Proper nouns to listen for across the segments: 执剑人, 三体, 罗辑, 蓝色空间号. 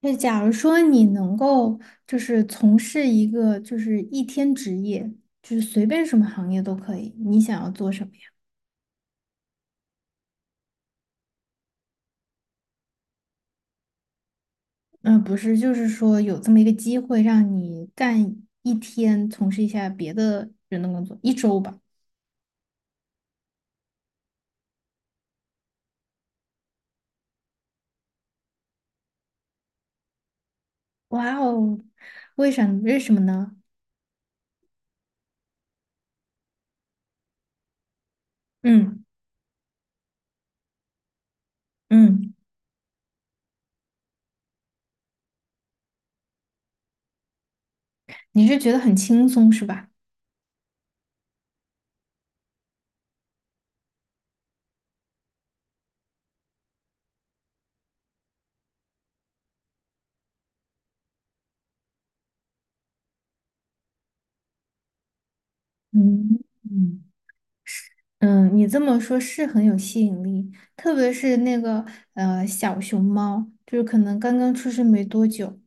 那假如说你能够就是从事一个就是一天职业，就是随便什么行业都可以，你想要做什么呀？嗯，不是，就是说有这么一个机会让你干一天，从事一下别的人的工作，一周吧。哇哦，为啥？为什么呢？嗯嗯，你是觉得很轻松是吧？嗯嗯。嗯，你这么说是很有吸引力，特别是那个小熊猫，就是可能刚刚出生没多久。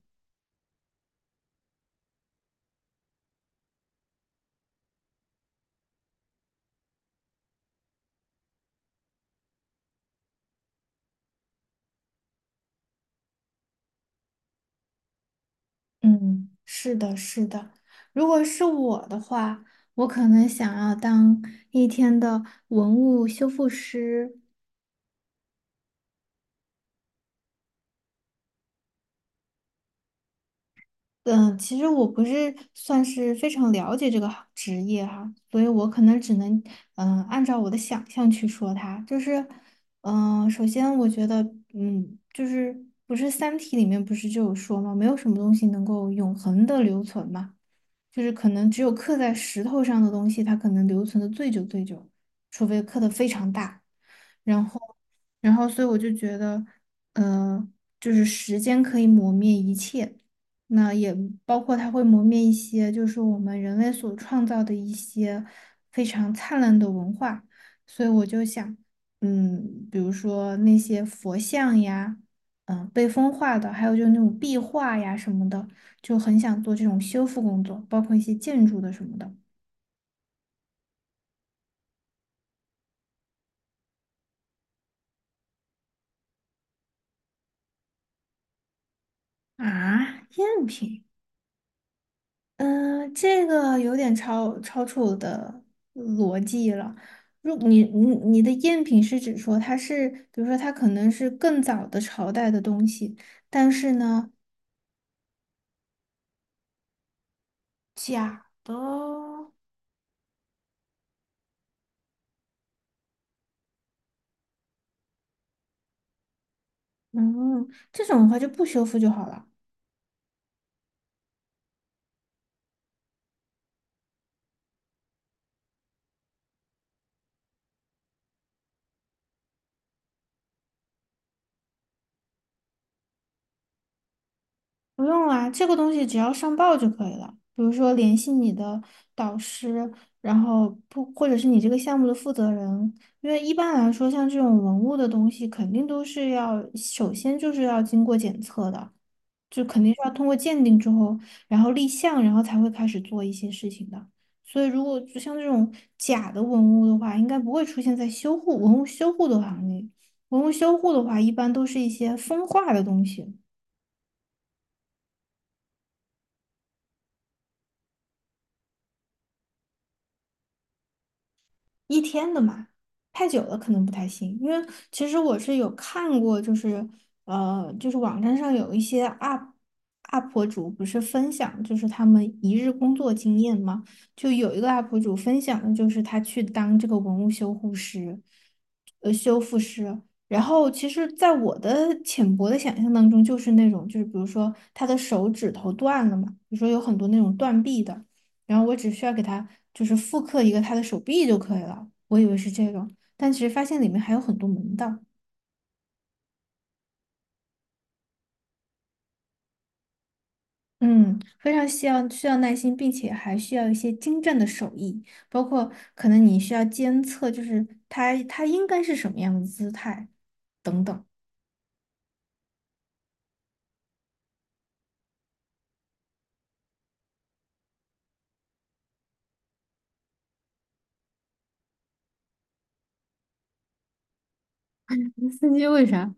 嗯，是的，是的。如果是我的话，我可能想要当一天的文物修复师。嗯，其实我不是算是非常了解这个行职业哈，所以我可能只能按照我的想象去说它。就是首先我觉得就是不是《三体》里面不是就有说嘛，没有什么东西能够永恒的留存嘛。就是可能只有刻在石头上的东西，它可能留存的最久最久，除非刻的非常大。然后，然后，所以我就觉得，嗯，就是时间可以磨灭一切，那也包括它会磨灭一些，就是我们人类所创造的一些非常灿烂的文化。所以我就想，比如说那些佛像呀，被风化的，还有就是那种壁画呀什么的。就很想做这种修复工作，包括一些建筑的什么的。啊，赝品。嗯，这个有点超出我的逻辑了。如你你你的赝品是指说它是，比如说它可能是更早的朝代的东西，但是呢，假的，嗯，这种的话就不修复就好了。不用啊，这个东西只要上报就可以了。比如说联系你的导师，然后不，或者是你这个项目的负责人，因为一般来说，像这种文物的东西，肯定都是要首先就是要经过检测的，就肯定是要通过鉴定之后，然后立项，然后才会开始做一些事情的。所以，如果就像这种假的文物的话，应该不会出现在文物修护的行列。文物修护的话，一般都是一些风化的东西。一天的嘛，太久了可能不太行。因为其实我是有看过，就是就是网站上有一些 UP 主不是分享，就是他们一日工作经验嘛，就有一个 UP 主分享的就是他去当这个文物修护师，修复师。然后，其实，在我的浅薄的想象当中，就是那种，就是比如说他的手指头断了嘛，比如说有很多那种断臂的。然后我只需要给他就是复刻一个他的手臂就可以了。我以为是这个，但其实发现里面还有很多门道。嗯，非常需要耐心，并且还需要一些精湛的手艺，包括可能你需要监测，就是他应该是什么样的姿态等等。司机为啥？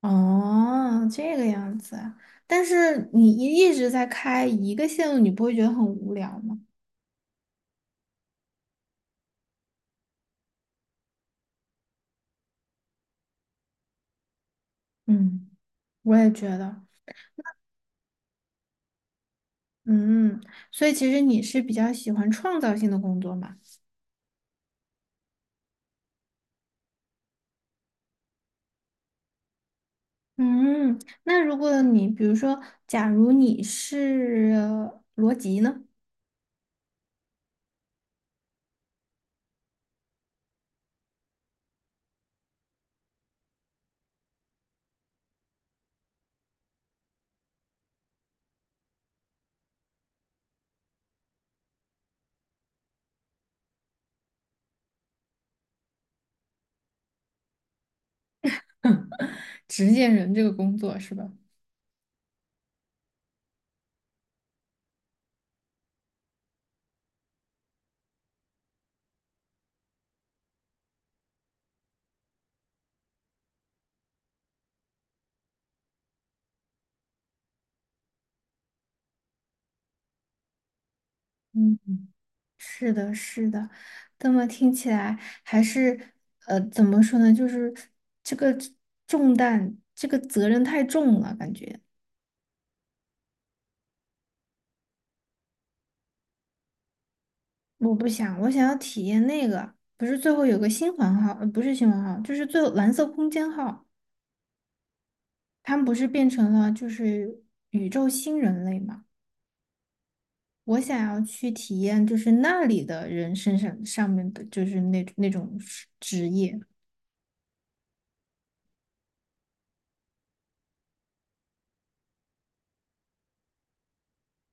哦，这个样子啊。但是你一直在开一个线路，你不会觉得很无聊吗？嗯，我也觉得。嗯，所以其实你是比较喜欢创造性的工作嘛？嗯，那如果你比如说，假如你是罗辑呢？执剑人这个工作是吧？嗯，是的，是的，这么听起来还是怎么说呢？就是这个重担，这个责任太重了，感觉我不想，我想要体验那个，不是最后有个新环号，不是新环号，就是最后蓝色空间号。他们不是变成了就是宇宙新人类嘛？我想要去体验，就是那里的人身上上面的，就是那种职业。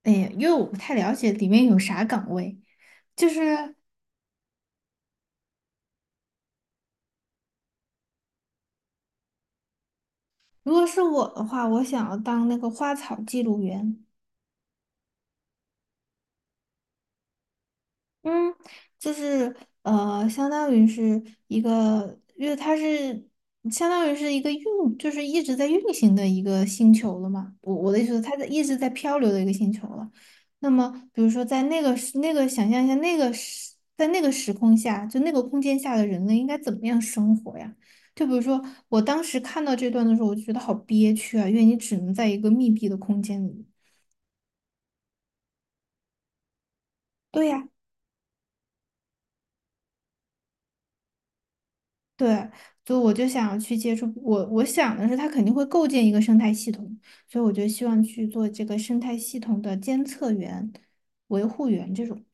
哎呀，因为我不太了解里面有啥岗位。就是如果是我的话，我想要当那个花草记录员。嗯，就是相当于是一个，因为它是相当于是一个运，就是一直在运行的一个星球了嘛。我的意思是，它在一直在漂流的一个星球了。那么，比如说在那个时那个想象一下，那个时在那个时空下，就那个空间下的人类应该怎么样生活呀？就比如说，我当时看到这段的时候，我就觉得好憋屈啊，因为你只能在一个密闭的空间里。对呀。对，所以我就想要去接触我，我想的是它肯定会构建一个生态系统，所以我就希望去做这个生态系统的监测员、维护员这种。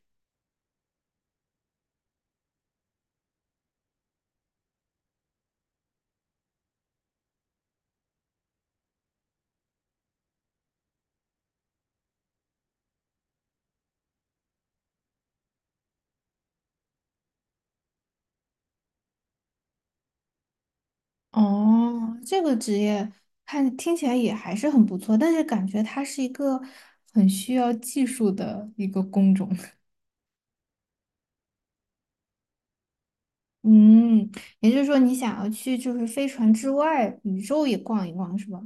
哦，这个职业听起来也还是很不错，但是感觉它是一个很需要技术的一个工种。嗯，也就是说你想要去就是飞船之外宇宙也逛一逛是吧？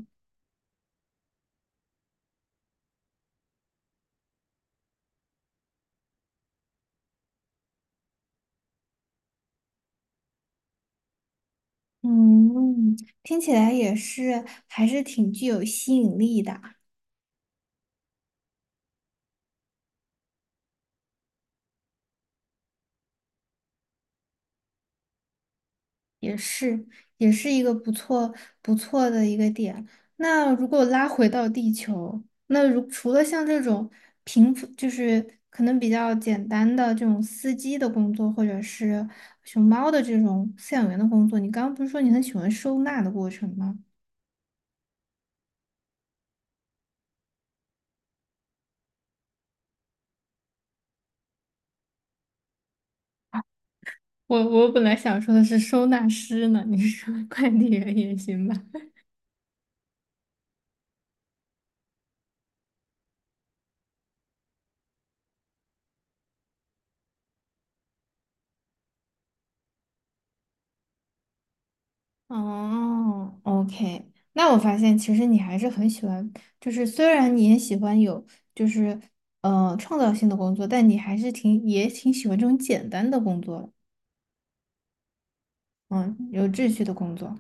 嗯，听起来也是还是挺具有吸引力的。也是，也是一个不错不错的一个点。那如果拉回到地球，那除了像这种平复就是可能比较简单的这种司机的工作，或者是熊猫的这种饲养员的工作，你刚刚不是说你很喜欢收纳的过程吗？我本来想说的是收纳师呢，你说快递员也行吧？哦，OK，那我发现其实你还是很喜欢，就是虽然你也喜欢有就是创造性的工作，但你还是也挺喜欢这种简单的工作的，嗯，有秩序的工作，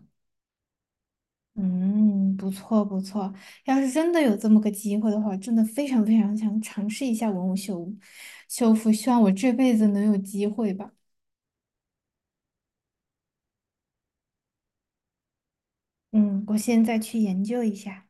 嗯，不错不错。要是真的有这么个机会的话，真的非常非常想尝试一下文物修复，希望我这辈子能有机会吧。嗯，我现在去研究一下。